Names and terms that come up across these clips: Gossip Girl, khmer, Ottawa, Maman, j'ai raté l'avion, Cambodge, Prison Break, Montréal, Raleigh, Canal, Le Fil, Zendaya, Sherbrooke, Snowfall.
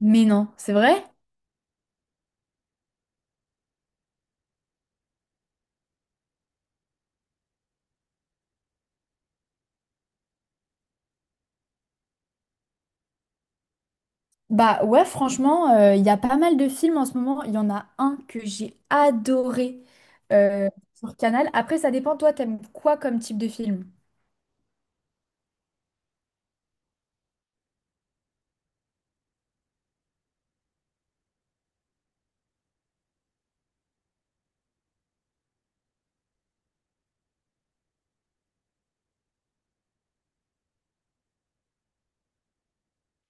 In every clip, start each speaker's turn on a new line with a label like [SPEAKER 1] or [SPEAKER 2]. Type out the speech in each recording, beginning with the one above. [SPEAKER 1] Mais non, c'est vrai? Bah ouais, franchement, il y a pas mal de films en ce moment. Il y en a un que j'ai adoré sur Canal. Après, ça dépend, toi, t'aimes quoi comme type de film?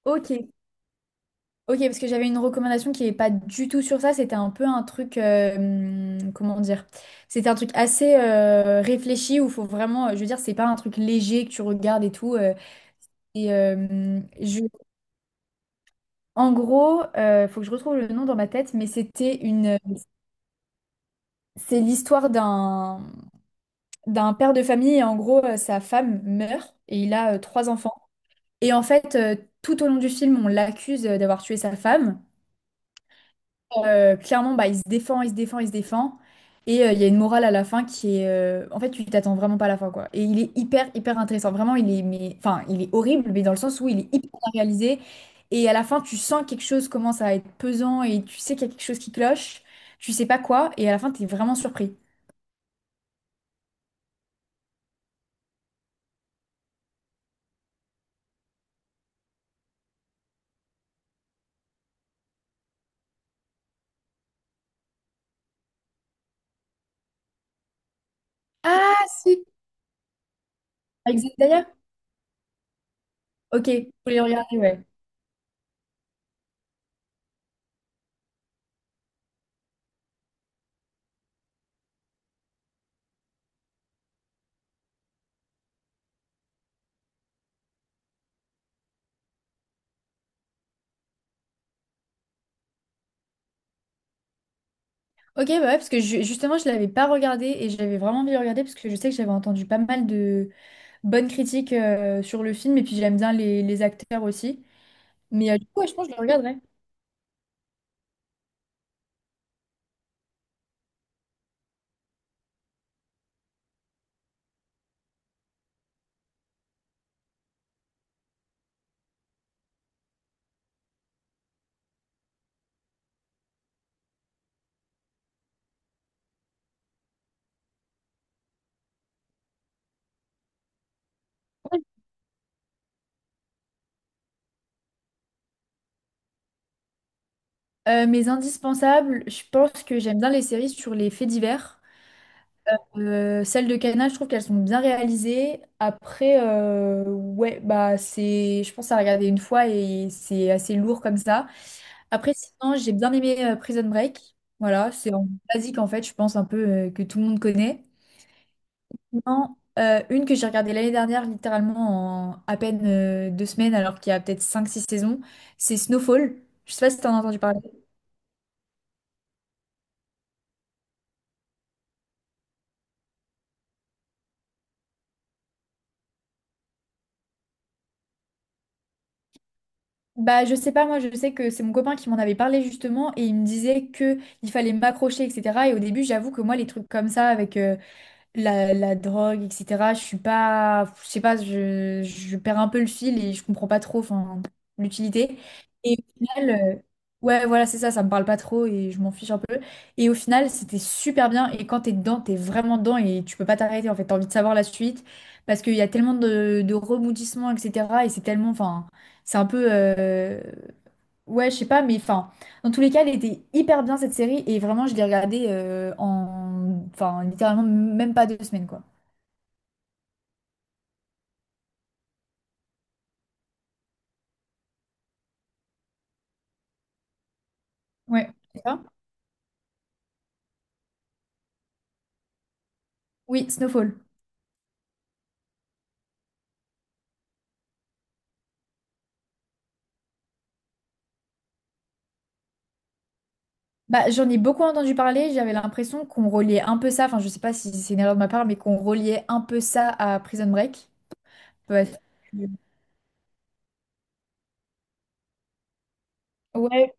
[SPEAKER 1] Ok, ok, parce que j'avais une recommandation qui n'est pas du tout sur ça. C'était un peu un truc, comment dire? C'était un truc assez réfléchi où faut vraiment, je veux dire, c'est pas un truc léger que tu regardes et tout. Et euh, hmm, je, En gros, faut que je retrouve le nom dans ma tête, mais c'est l'histoire d'un d'un père de famille et en gros, sa femme meurt et il a 3 enfants. Et en fait, tout au long du film, on l'accuse d'avoir tué sa femme. Clairement, bah, il se défend, il se défend, il se défend. Et il y a une morale à la fin en fait, tu t'attends vraiment pas à la fin, quoi. Et il est hyper, hyper intéressant. Vraiment, enfin, il est horrible, mais dans le sens où il est hyper bien réalisé. Et à la fin, tu sens quelque chose commence à être pesant et tu sais qu'il y a quelque chose qui cloche. Tu sais pas quoi. Et à la fin, t'es vraiment surpris. Ah, si! Avec Zendaya? Ok, faut les regarder, ouais. Ok, bah ouais, parce que justement, je l'avais pas regardé et j'avais vraiment envie de le regarder parce que je sais que j'avais entendu pas mal de bonnes critiques sur le film et puis j'aime bien les acteurs aussi. Mais du coup, ouais, je pense que je le regarderai. Ouais. Mes indispensables, je pense que j'aime bien les séries sur les faits divers. Celles de Cana, je trouve qu'elles sont bien réalisées. Après, ouais, bah c'est, je pense à regarder une fois et c'est assez lourd comme ça. Après, sinon, j'ai bien aimé Prison Break. Voilà, c'est en basique en fait, je pense un peu que tout le monde connaît. Non, une que j'ai regardée l'année dernière, littéralement en à peine 2 semaines, alors qu'il y a peut-être cinq six saisons, c'est Snowfall. Je sais pas si t'en as entendu parler. Bah, je sais pas, moi je sais que c'est mon copain qui m'en avait parlé justement et il me disait que il fallait m'accrocher, etc. Et au début, j'avoue que moi, les trucs comme ça, avec, la drogue, etc. Je suis pas, je sais pas, je perds un peu le fil et je comprends pas trop, enfin, l'utilité. Et au final, ouais, voilà, c'est ça, ça me parle pas trop et je m'en fiche un peu. Et au final, c'était super bien. Et quand t'es dedans, t'es vraiment dedans et tu peux pas t'arrêter. En fait, t'as envie de savoir la suite parce qu'il y a tellement de rebondissements, etc. Et c'est tellement, enfin, c'est un peu, ouais, je sais pas, mais enfin. Dans tous les cas, elle était hyper bien cette série et vraiment, je l'ai regardée enfin, littéralement même pas 2 semaines, quoi. Ouais. Et toi. Oui, Snowfall. Bah, j'en ai beaucoup entendu parler, j'avais l'impression qu'on reliait un peu ça, enfin je sais pas si c'est une erreur de ma part, mais qu'on reliait un peu ça à Prison Break. Ouais. Ouais.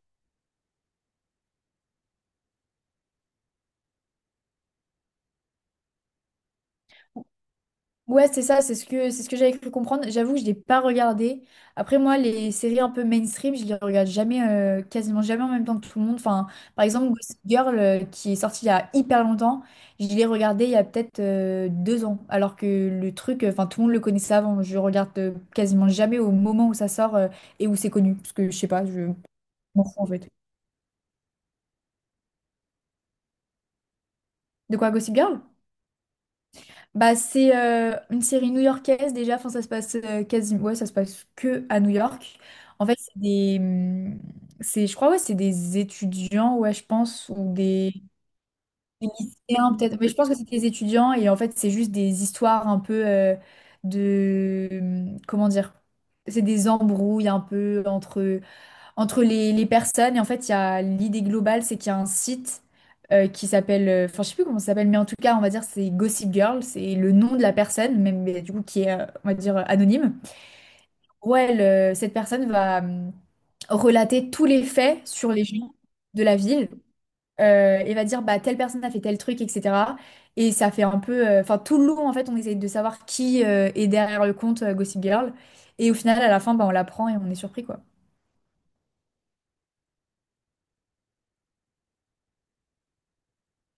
[SPEAKER 1] Ouais, c'est ça, c'est ce que j'avais cru comprendre. J'avoue que je l'ai pas regardé. Après, moi, les séries un peu mainstream, je les regarde jamais, quasiment jamais en même temps que tout le monde. Enfin, par exemple, Gossip Girl, qui est sorti il y a hyper longtemps, je l'ai regardé il y a peut-être 2 ans. Alors que le truc, enfin, tout le monde le connaissait avant. Je regarde quasiment jamais au moment où ça sort et où c'est connu. Parce que je sais pas, je m'en fous en fait. De quoi, Gossip Girl? Bah, c'est une série new-yorkaise déjà, enfin, ça se passe ouais, ça se passe que à New York. En fait, c'est, je crois, ouais, c'est des étudiants, ouais, je pense, ou des lycéens peut-être, mais je pense que c'est des étudiants et en fait, c'est juste des histoires un peu comment dire? C'est des embrouilles un peu entre les personnes. Et en fait, il y a l'idée globale, c'est qu'il y a un site qui s'appelle, enfin, je sais plus comment ça s'appelle, mais en tout cas, on va dire c'est Gossip Girl, c'est le nom de la personne, même mais du coup qui est, on va dire, anonyme. Ouais, elle, cette personne va relater tous les faits sur les gens de la ville et va dire bah telle personne a fait tel truc, etc. Et ça fait un peu, enfin tout le long en fait, on essaye de savoir qui est derrière le compte Gossip Girl. Et au final, à la fin, bah, on l'apprend et on est surpris quoi.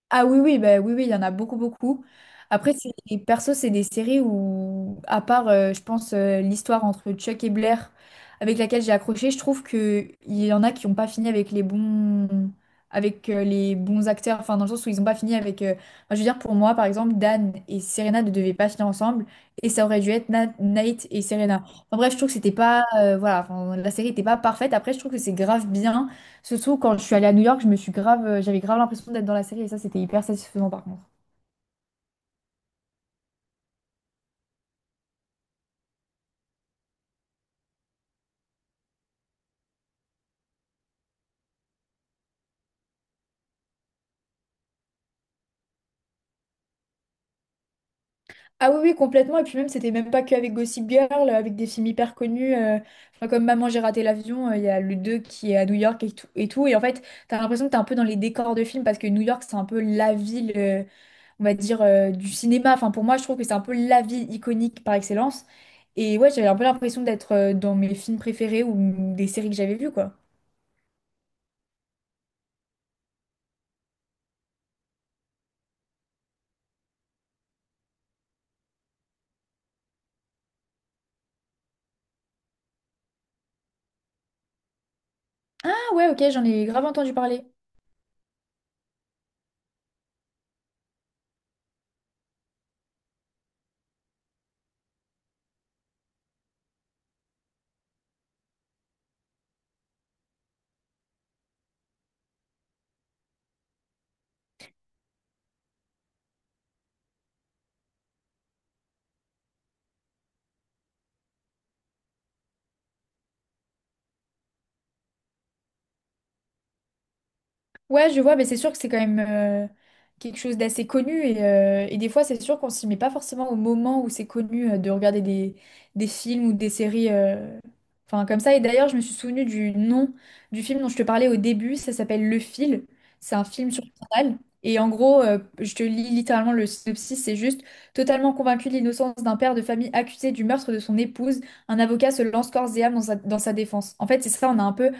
[SPEAKER 1] Ah oui, oui, bah, oui, oui, il y en a beaucoup, beaucoup. Après, c'est, et perso, c'est des séries où, à part, je pense, l'histoire entre Chuck et Blair, avec laquelle j'ai accroché, je trouve que il y en a qui n'ont pas fini avec les bons acteurs, enfin, dans le sens où ils n'ont pas fini. Enfin, je veux dire, pour moi, par exemple, Dan et Serena ne devaient pas finir ensemble, et ça aurait dû être Nate et Serena. En bref, je trouve que c'était pas... voilà, enfin, la série n'était pas parfaite. Après, je trouve que c'est grave bien. Surtout quand je suis allée à New York, je me suis grave, j'avais grave l'impression d'être dans la série et ça, c'était hyper satisfaisant par contre. Ah oui, oui, complètement. Et puis même, c'était même pas qu'avec Gossip Girl, avec des films hyper connus, enfin, comme Maman, j'ai raté l'avion, il y a le 2 qui est à New York et tout. Et, tout. Et en fait, t'as l'impression que t'es un peu dans les décors de films parce que New York, c'est un peu la ville, on va dire, du cinéma. Enfin, pour moi, je trouve que c'est un peu la ville iconique par excellence. Et ouais, j'avais un peu l'impression d'être dans mes films préférés ou des séries que j'avais vues, quoi. Ah ouais, ok, j'en ai grave entendu parler. Ouais, je vois, mais c'est sûr que c'est quand même quelque chose d'assez connu et des fois c'est sûr qu'on s'y met pas forcément au moment où c'est connu de regarder des films ou des séries enfin comme ça. Et d'ailleurs je me suis souvenue du nom du film dont je te parlais au début, ça s'appelle Le Fil. C'est un film sur Canal. Et en gros, je te lis littéralement le synopsis, c'est juste totalement convaincu de l'innocence d'un père de famille accusé du meurtre de son épouse, un avocat se lance corps et âme dans sa défense. En fait, c'est ça, on a un peu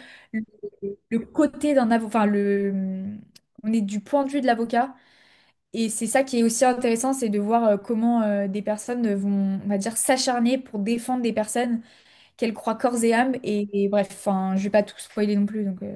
[SPEAKER 1] le côté d'un avocat, enfin le, on est du point de vue de l'avocat. Et c'est ça qui est aussi intéressant, c'est de voir comment des personnes vont, on va dire, s'acharner pour défendre des personnes qu'elles croient corps et âme. Et bref, enfin, je vais pas tout spoiler non plus, donc.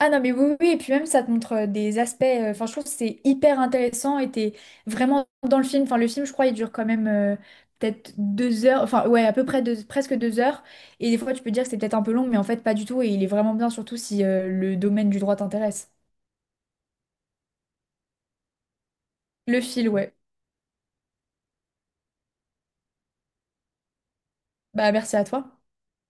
[SPEAKER 1] Ah non, mais oui, oui, et puis même ça te montre des aspects, enfin je trouve que c'est hyper intéressant et t'es vraiment dans le film, enfin le film je crois il dure quand même peut-être 2 heures, enfin ouais à peu près presque 2 heures et des fois tu peux dire que c'est peut-être un peu long mais en fait pas du tout et il est vraiment bien surtout si le domaine du droit t'intéresse. Le fil, ouais. Bah merci à toi.